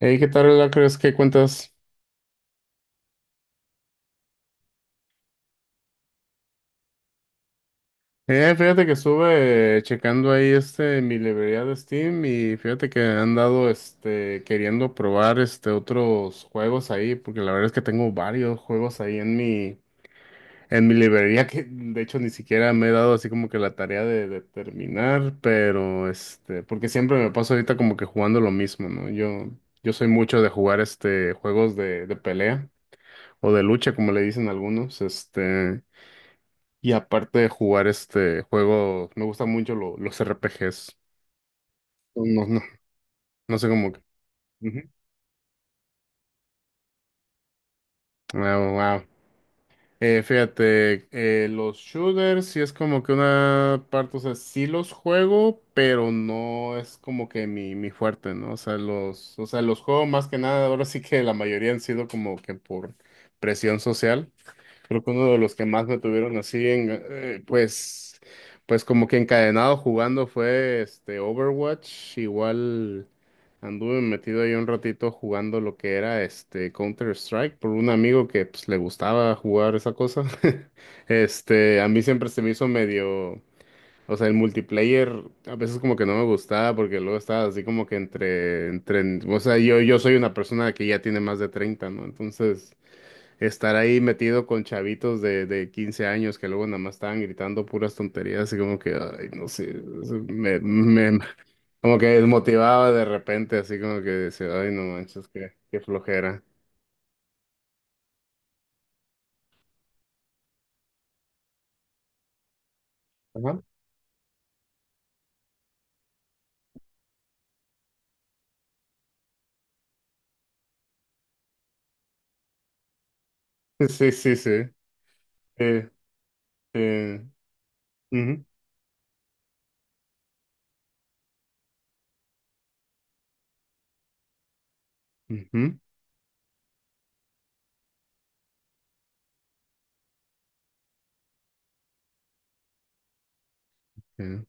Hey, ¿qué tal, Lacres? ¿Qué cuentas? Fíjate que estuve checando ahí mi librería de Steam y fíjate que he andado queriendo probar otros juegos ahí, porque la verdad es que tengo varios juegos ahí en mi librería que de hecho ni siquiera me he dado así como que la tarea de terminar, pero este, porque siempre me paso ahorita como que jugando lo mismo, ¿no? Yo soy mucho de jugar este juegos de pelea o de lucha, como le dicen algunos, este. Y aparte de jugar este juego, me gustan mucho los RPGs. No, no, no sé cómo que. Ujú. Wow, wow. Fíjate, los shooters sí es como que una parte, o sea, sí los juego, pero no es como que mi fuerte, ¿no? O sea, los juego más que nada, ahora sí que la mayoría han sido como que por presión social. Creo que uno de los que más me tuvieron así en, pues, pues como que encadenado jugando fue este Overwatch. Igual anduve metido ahí un ratito jugando lo que era este Counter-Strike por un amigo que pues le gustaba jugar esa cosa. Este, a mí siempre se me hizo medio, o sea, el multiplayer a veces como que no me gustaba porque luego estaba así como que entre, o sea, yo soy una persona que ya tiene más de 30, ¿no? Entonces estar ahí metido con chavitos de 15 años que luego nada más estaban gritando puras tonterías, así como que, ay, no sé, eso como que desmotivaba de repente, así como que decía, ay, no manches, qué, qué flojera. Ajá. Sí, sí, sí. Eh, eh, ujú, ujú, eh.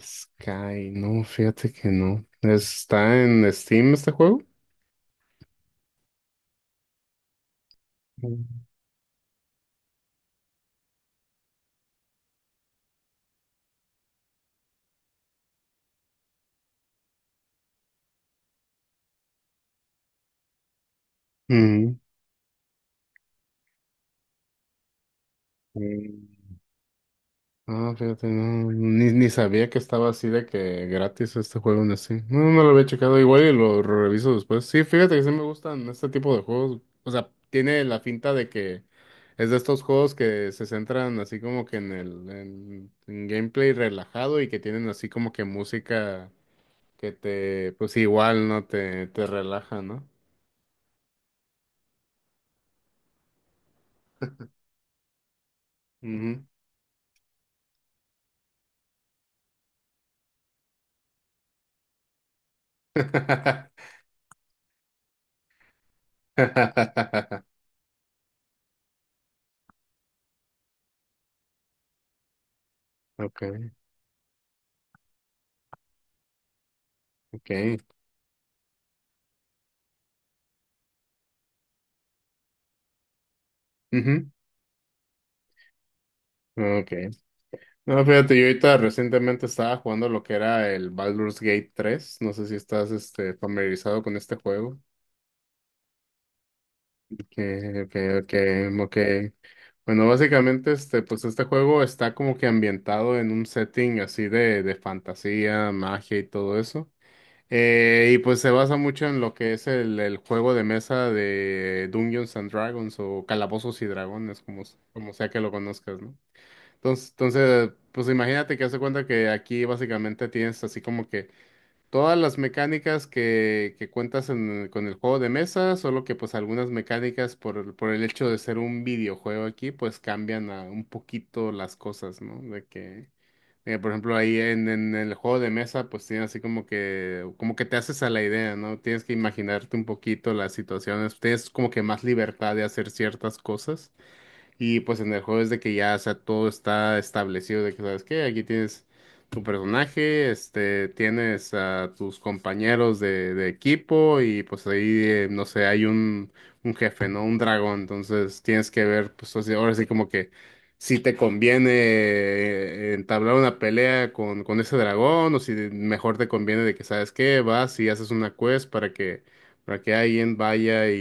Sky, no, fíjate que no. ¿Está en Steam este juego? Mm. Ujú. Ah, fíjate, no, ni sabía que estaba así de que gratis este juego en Steam. No, no lo había checado igual y lo reviso después. Sí, fíjate que sí me gustan este tipo de juegos. O sea, tiene la finta de que es de estos juegos que se centran así como que en en gameplay relajado y que tienen así como que música que te, pues igual, ¿no? Te relaja, ¿no? Ujú. Ok, ok. Ujú, ok. No, fíjate, yo ahorita recientemente estaba jugando lo que era el Baldur's Gate 3. No sé si estás este, familiarizado con este juego. Que, como bueno, básicamente, este, pues este juego está como que ambientado en un setting así de fantasía, magia y todo eso. Y pues se basa mucho en lo que es el juego de mesa de Dungeons and Dragons o Calabozos y Dragones, como, como sea que lo conozcas, ¿no? Entonces, pues imagínate que hace cuenta que aquí básicamente tienes así como que todas las mecánicas que cuentas con el juego de mesa, solo que pues algunas mecánicas por, por el hecho de ser un videojuego aquí, pues cambian a un poquito las cosas, ¿no? De que, por ejemplo, ahí en el juego de mesa, pues tienes así como que te haces a la idea, ¿no? Tienes que imaginarte un poquito las situaciones, tienes como que más libertad de hacer ciertas cosas. Y pues en el juego es de que ya, o sea, todo está establecido de que, ¿sabes qué? Aquí tienes tu personaje, este, tienes a tus compañeros de equipo y pues ahí, no sé, hay un jefe, ¿no? Un dragón. Entonces tienes que ver, pues ahora sí como que si te conviene entablar una pelea con ese dragón o si mejor te conviene de que, ¿sabes qué? Vas y haces una quest para que alguien vaya y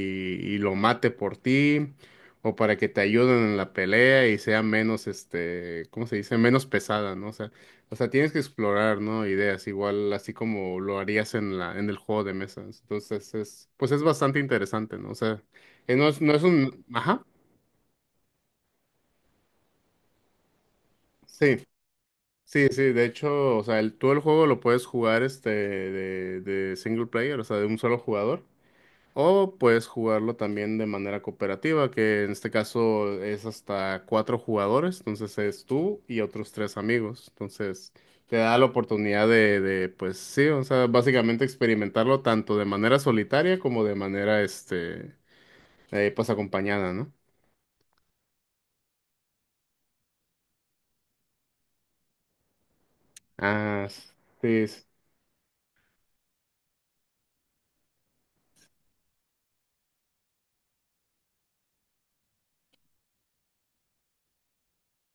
lo mate por ti o para que te ayuden en la pelea y sea menos, este, ¿cómo se dice? Menos pesada, ¿no? O sea, tienes que explorar, ¿no? Ideas, igual así como lo harías en en el juego de mesas. Entonces es, pues es bastante interesante, ¿no? O sea, no es, no es un, ajá, sí, sí, sí. De hecho, o sea, tú el juego lo puedes jugar, este, de single player, o sea, de un solo jugador. O puedes jugarlo también de manera cooperativa, que en este caso es hasta 4 jugadores, entonces es tú y otros 3 amigos. Entonces te da la oportunidad pues sí, o sea, básicamente experimentarlo tanto de manera solitaria como de manera, este, pues acompañada, ¿no? Ah, sí, sí,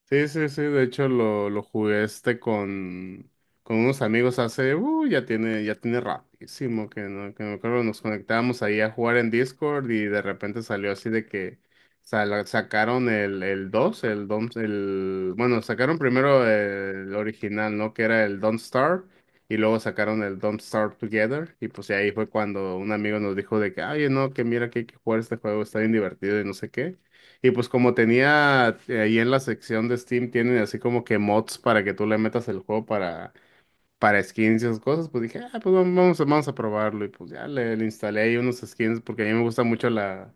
sí, sí, sí, de hecho lo jugué este con unos amigos hace, ya tiene rapidísimo, que no, que me acuerdo, nos conectábamos ahí a jugar en Discord y de repente salió así de que sacaron el 2 el Don, el, bueno, sacaron primero el original, ¿no? Que era el Don't Starve y luego sacaron el Don't Starve Together y pues ahí fue cuando un amigo nos dijo de que, oye, no, que mira que hay que jugar este juego, está bien divertido y no sé qué. Y pues como tenía ahí en la sección de Steam, tienen así como que mods para que tú le metas el juego para skins y esas cosas, pues dije, ah, pues vamos, vamos a probarlo. Y pues ya le instalé ahí unos skins porque a mí me gusta mucho la,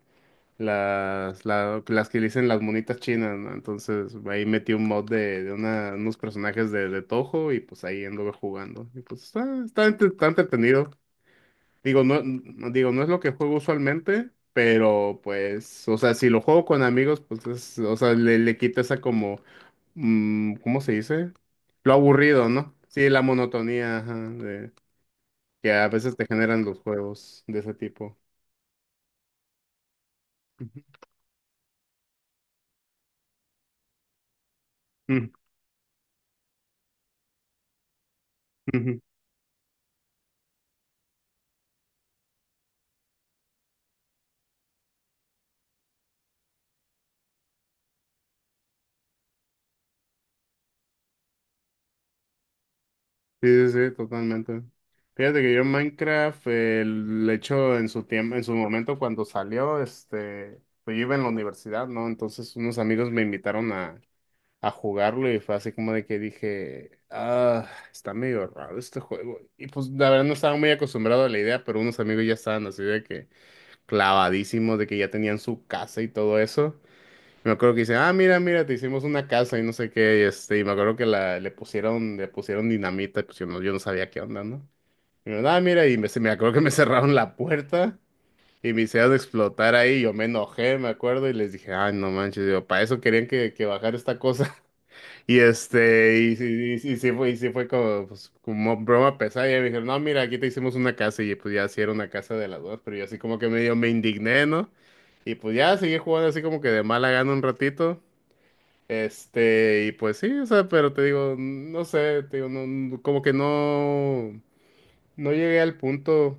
las, la- las que le dicen las monitas chinas, ¿no? Entonces ahí metí un mod de unos personajes de Toho y pues ahí anduve jugando. Y pues está, está, está entretenido. Digo, digo, no es lo que juego usualmente, pero pues, o sea, si lo juego con amigos, pues es, o sea, le quita esa como, mm, ¿cómo se dice? Lo aburrido, ¿no? Sí, la monotonía, ajá, de- que a veces te generan los juegos de ese tipo. Ujú. Mm, ujú. Sí, sí, sí, totalmente. Fíjate que yo en Minecraft, le echo en su tiempo, en su momento cuando salió, este, pues yo iba en la universidad, ¿no? Entonces unos amigos me invitaron a jugarlo y fue así como de que dije, ah, está medio raro este juego. Y pues la verdad no estaba muy acostumbrado a la idea, pero unos amigos ya estaban así de que clavadísimos, de que ya tenían su casa y todo eso. Y me acuerdo que dice, ah, mira, mira, te hicimos una casa y no sé qué, y este, y me acuerdo que la, le pusieron dinamita, pues yo no sabía qué onda, ¿no? Y me ah, mira, y me, me acuerdo que me cerraron la puerta. Y me hicieron explotar ahí, yo me enojé, me acuerdo, y les dije, ay, no manches, digo, para eso querían que bajara esta cosa. Y este, y, sí y sí fue, y sí fue como, pues, como broma pesada. Y me dijeron, no, mira, aquí te hicimos una casa. Y pues ya sí era una casa de las dos, pero yo así como que medio me indigné, ¿no? Y pues ya seguí jugando así como que de mala gana un ratito. Este, y pues sí, o sea, pero te digo, no sé, te digo, como que no, no llegué al punto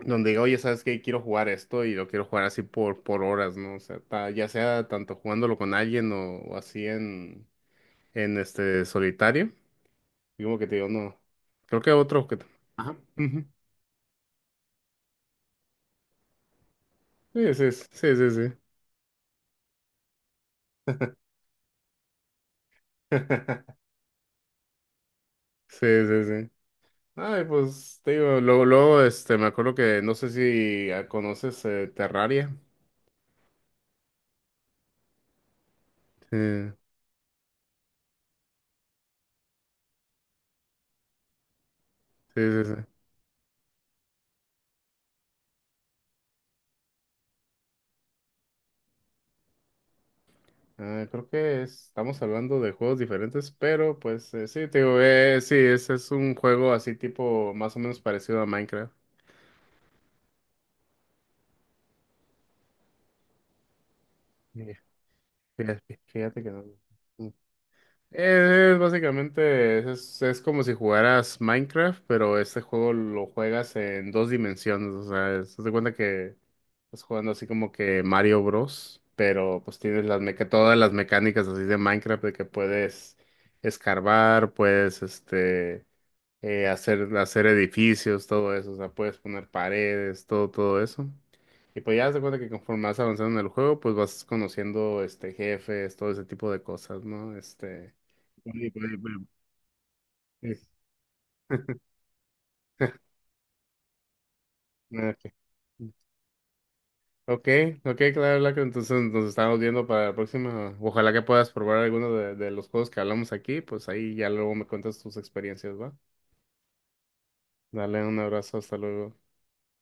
donde digo, oye, ¿sabes qué? Quiero jugar esto y lo quiero jugar así por horas, ¿no? O sea, ya sea tanto jugándolo con alguien o así en este solitario. Y como que te digo, no. Creo que otro que. Ajá. Ujú. Sí, sí, sí, sí, sí. Sí, sí, sí, sí. Ay, pues te digo, luego, luego, este, me acuerdo que no sé si ah, conoces Terraria. Sí, sí, sí, sí. Ah, creo que estamos hablando de juegos diferentes, pero pues sí, te digo, sí, ese es un juego así tipo más o menos parecido a Minecraft. Mira, fíjate que no. Es, básicamente, es como si jugaras Minecraft, pero este juego lo juegas en 2 dimensiones. O sea, haz de cuenta que estás jugando así como que Mario Bros, pero pues tienes las meca todas las mecánicas así de Minecraft de que puedes escarbar, puedes este hacer, hacer edificios, todo eso, o sea, puedes poner paredes, todo, todo eso. Y pues ya te de cuenta que conforme vas avanzando en el juego, pues vas conociendo este jefes, todo ese tipo de cosas, ¿no? Este. Y, pues, bueno, es- ah, ok, ok, ok, claro, Blanca, entonces nos estamos viendo para la próxima. Ojalá que puedas probar alguno de los juegos que hablamos aquí, pues ahí ya luego me cuentas tus experiencias, ¿va? Dale un abrazo, hasta luego.